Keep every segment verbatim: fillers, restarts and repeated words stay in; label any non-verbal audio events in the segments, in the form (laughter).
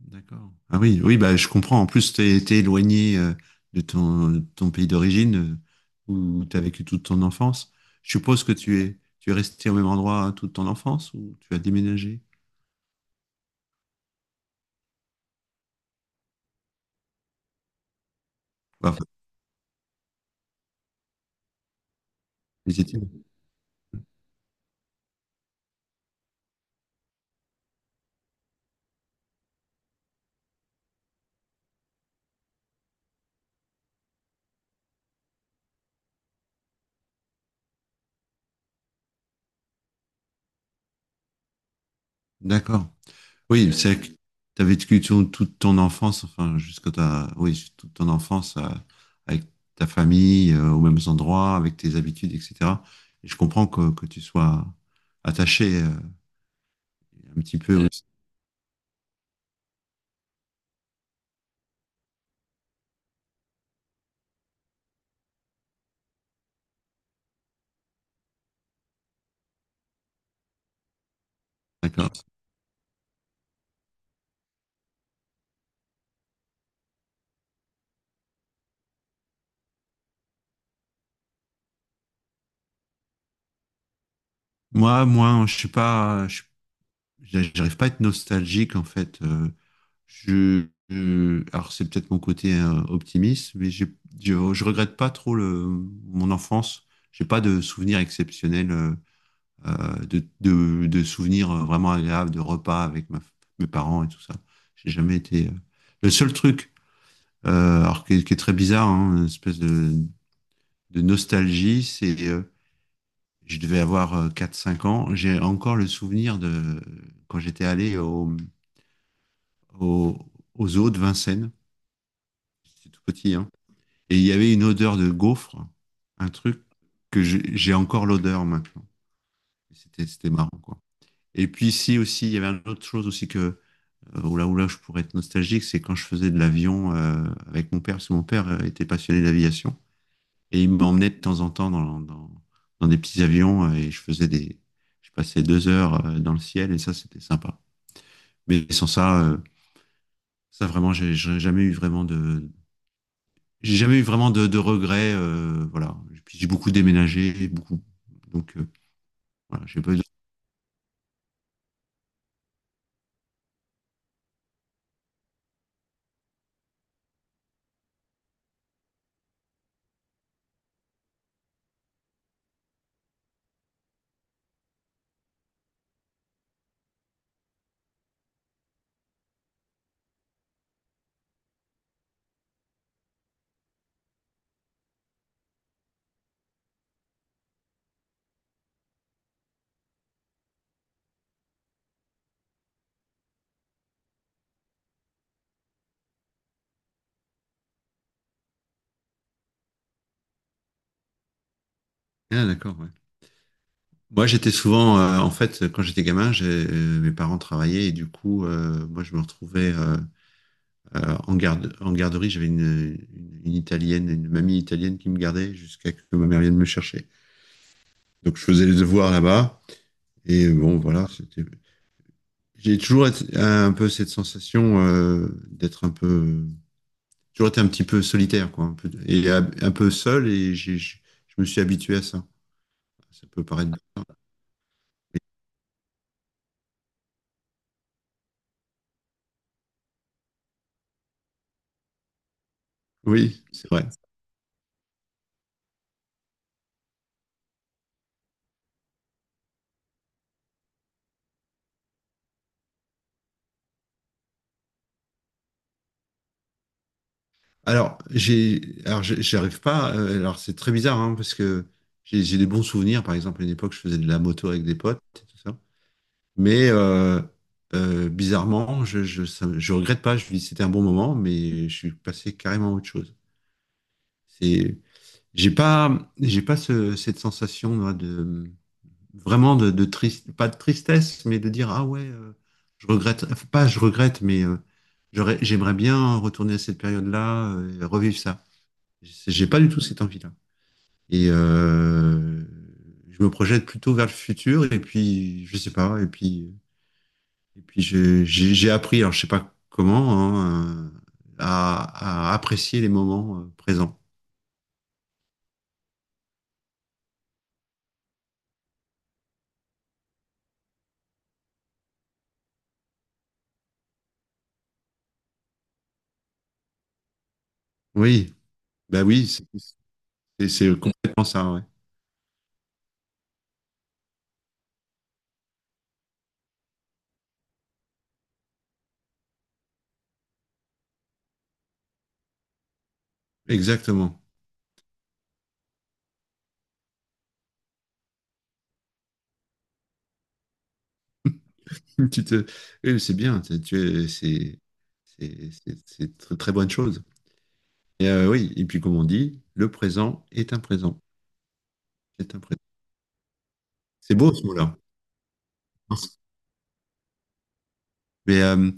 D'accord. Ah oui, oui, bah, je comprends. En plus, tu es, éloigné euh, de ton, ton pays d'origine euh, où tu as vécu toute ton enfance. Je suppose que tu es, tu es resté au même endroit hein, toute ton enfance ou tu as déménagé? Enfin, les études. D'accord. Oui, c'est que tu as vécu ton- toute ton enfance, enfin, jusqu'à ta, oui, toute ton enfance euh, avec ta famille, euh, aux mêmes endroits, avec tes habitudes, et cætera. Et je comprends que, que tu sois attaché euh, un petit peu aussi. D'accord. Moi, moi, je suis pas, je, suis- j'arrive pas à être nostalgique en fait. Euh, je, je- alors c'est peut-être mon côté euh, optimiste, mais j'ai- je, je regrette pas trop le, mon enfance. J'ai pas de souvenirs exceptionnels, euh, euh, de, de, de souvenirs euh, vraiment agréables, de repas avec ma, mes parents et tout ça. J'ai jamais été. euh, Le seul truc, euh, alors qui est, qui est très bizarre, hein, une espèce de, de nostalgie, c'est euh, je devais avoir euh, quatre cinq ans. J'ai encore le souvenir de quand j'étais allé au, au, au zoo de Vincennes. J'étais tout petit. Hein. Et il y avait une odeur de gaufre, un truc que je- j'ai encore l'odeur maintenant. C'était c'était marrant, quoi. Et puis ici aussi, il y avait une autre chose aussi que, euh, oh là, oh là, je pourrais être nostalgique, c'est quand je faisais de l'avion euh, avec mon père, parce que mon père euh, était passionné d'aviation. Et il m'emmenait de temps en temps dans, dans, dans des petits avions euh, et je faisais des, je passais deux heures euh, dans le ciel et ça, c'était sympa. Mais sans ça, euh, ça vraiment, j'ai j'ai jamais eu vraiment de, j'ai jamais eu vraiment de, de regrets, euh, voilà. Puis j'ai beaucoup déménagé, beaucoup, donc euh, voilà, j'ai pas eu de... Ah, d'accord, ouais. Moi, j'étais souvent, euh, en fait, quand j'étais gamin, j'ai- euh, mes parents travaillaient et du coup, euh, moi, je me retrouvais euh, Euh, en, garde, en garderie, j'avais une, une, une italienne, une mamie italienne qui me gardait jusqu'à ce que ma mère vienne me chercher. Donc je faisais les devoirs là-bas. Et bon, voilà, c'était. J'ai toujours été- un peu cette sensation euh, d'être un peu, toujours été un petit peu solitaire, quoi, un peu, et un peu seul. Et j'ai, je je me suis habitué à ça. Ça peut paraître. Oui, c'est vrai. Alors, j'ai, alors, j'ai- j'arrive pas. Euh, alors, c'est très bizarre, hein, parce que j'ai j'ai des bons souvenirs. Par exemple, à une époque, je faisais de la moto avec des potes, et tout ça. Mais euh, euh, Bizarrement, je, je, ça- je regrette pas. Je me dis c'était un bon moment, mais je suis passé carrément à autre chose. C'est, j'ai pas, j'ai pas ce- cette sensation moi, de vraiment de, de triste, pas de tristesse, mais de dire ah ouais, euh, je regrette, enfin, pas je regrette, mais euh, j'aurais, j'aimerais bien retourner à cette période-là, euh, et revivre ça. C'est- J'ai pas du tout cette envie-là. Et euh, je me projette plutôt vers le futur, et puis je sais pas, et puis. Et puis j'ai j'ai- j'ai appris, alors je sais pas comment, hein, euh, à, à apprécier les moments euh, présents. Oui, bah oui, c'est c'est- c'est complètement ça, ouais. Exactement. (laughs) Tu te, oui, c'est bien, tu tu es- c'est c'est c'est- c'est une très, très bonne chose. Et euh, oui, et puis comme on dit, le présent est un présent, c'est un présent. C'est beau ce mot-là. Mais euh,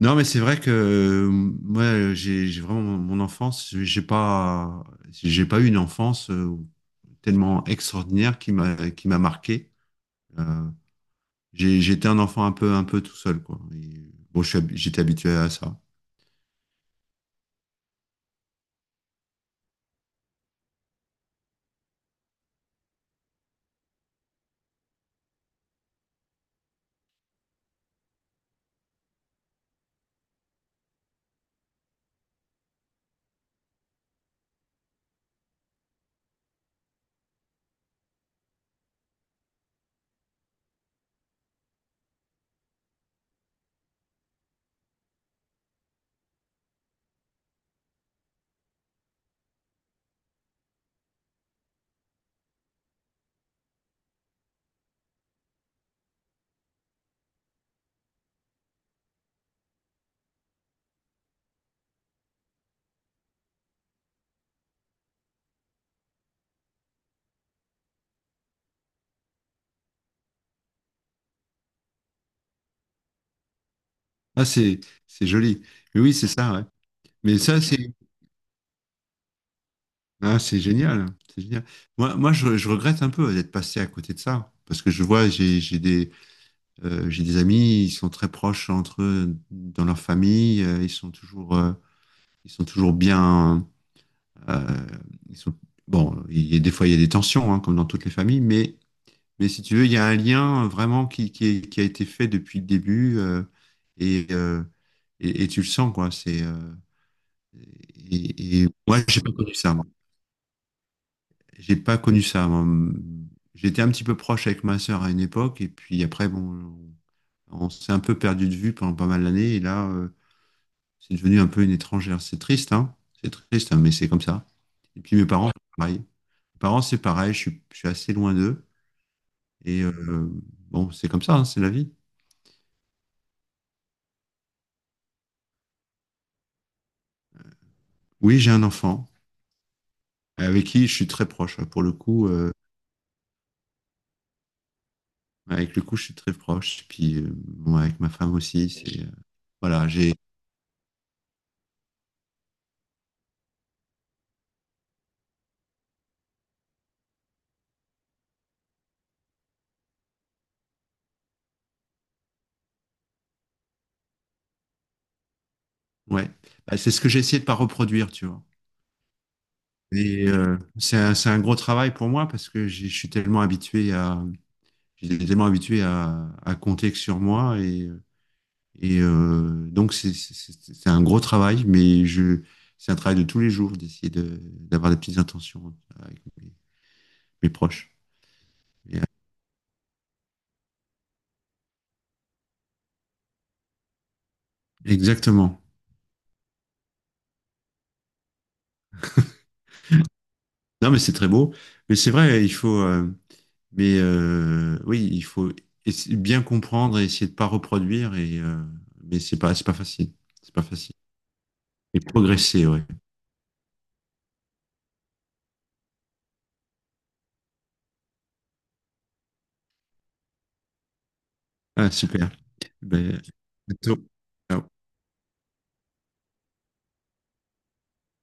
non, mais c'est vrai que euh, moi, j'ai j'ai vraiment mon enfance, j'ai pas, j'ai pas eu une enfance. Euh, tellement extraordinaire qui m'a qui m'a marqué. Euh, j'ai- J'étais un enfant un peu un peu tout seul quoi. Et bon, je suis hab- j'étais habitué à ça. Ah c'est c'est joli. Mais oui c'est ça ouais. Mais ça c'est ah, c'est génial, c'est génial. Moi moi je, je regrette un peu d'être passé à côté de ça parce que je vois j'ai j'ai des Euh, j'ai des amis, ils sont très proches entre eux, dans leur famille, euh, ils sont toujours, euh, ils sont toujours bien. euh, ils sont... Bon, il y a, des fois il y a des tensions, hein, comme dans toutes les familles, mais, mais si tu veux, il y a un lien vraiment qui, qui, est- qui a été fait depuis le début euh, et, euh, et, et tu le sens, quoi. C'est, euh, et, et moi, j'ai pas connu ça. Moi. J'ai pas connu ça. Moi. J'étais un petit peu proche avec ma sœur à une époque, et puis après, bon, on s'est un peu perdu de vue pendant pas mal d'années, et là. Euh, c'est devenu un peu une étrangère. C'est triste, hein? C'est triste, hein, mais c'est comme ça. Et puis mes parents, c'est pareil. Mes parents, c'est pareil, je suis, je suis assez loin d'eux. Et euh, bon, c'est comme ça, hein, c'est la vie. Oui, j'ai un enfant euh, avec qui je suis très proche. Pour le coup, euh, avec le coup, je suis très proche. Puis euh, bon, avec ma femme aussi, c'est euh, voilà, j'ai ouais, bah, c'est ce que j'ai essayé de pas reproduire, tu vois. Et euh, c'est un, c'est un gros travail pour moi parce que j'ai- je suis tellement habitué à, j'étais tellement habitué à, à compter que sur moi et euh, Et euh, donc, c'est c'est- c'est- c'est un gros travail, mais je, c'est un travail de tous les jours d'essayer de, d'avoir des petites intentions avec mes, mes proches. Exactement. Non, mais c'est très beau. Mais c'est vrai, il faut. euh, mais euh, oui, il faut essa- bien comprendre et essayer de pas reproduire. Et, euh, mais c'est pas, c'est pas facile. C'est pas facile. Et progresser, ouais. Ah, super. Ben, à bientôt. Ciao.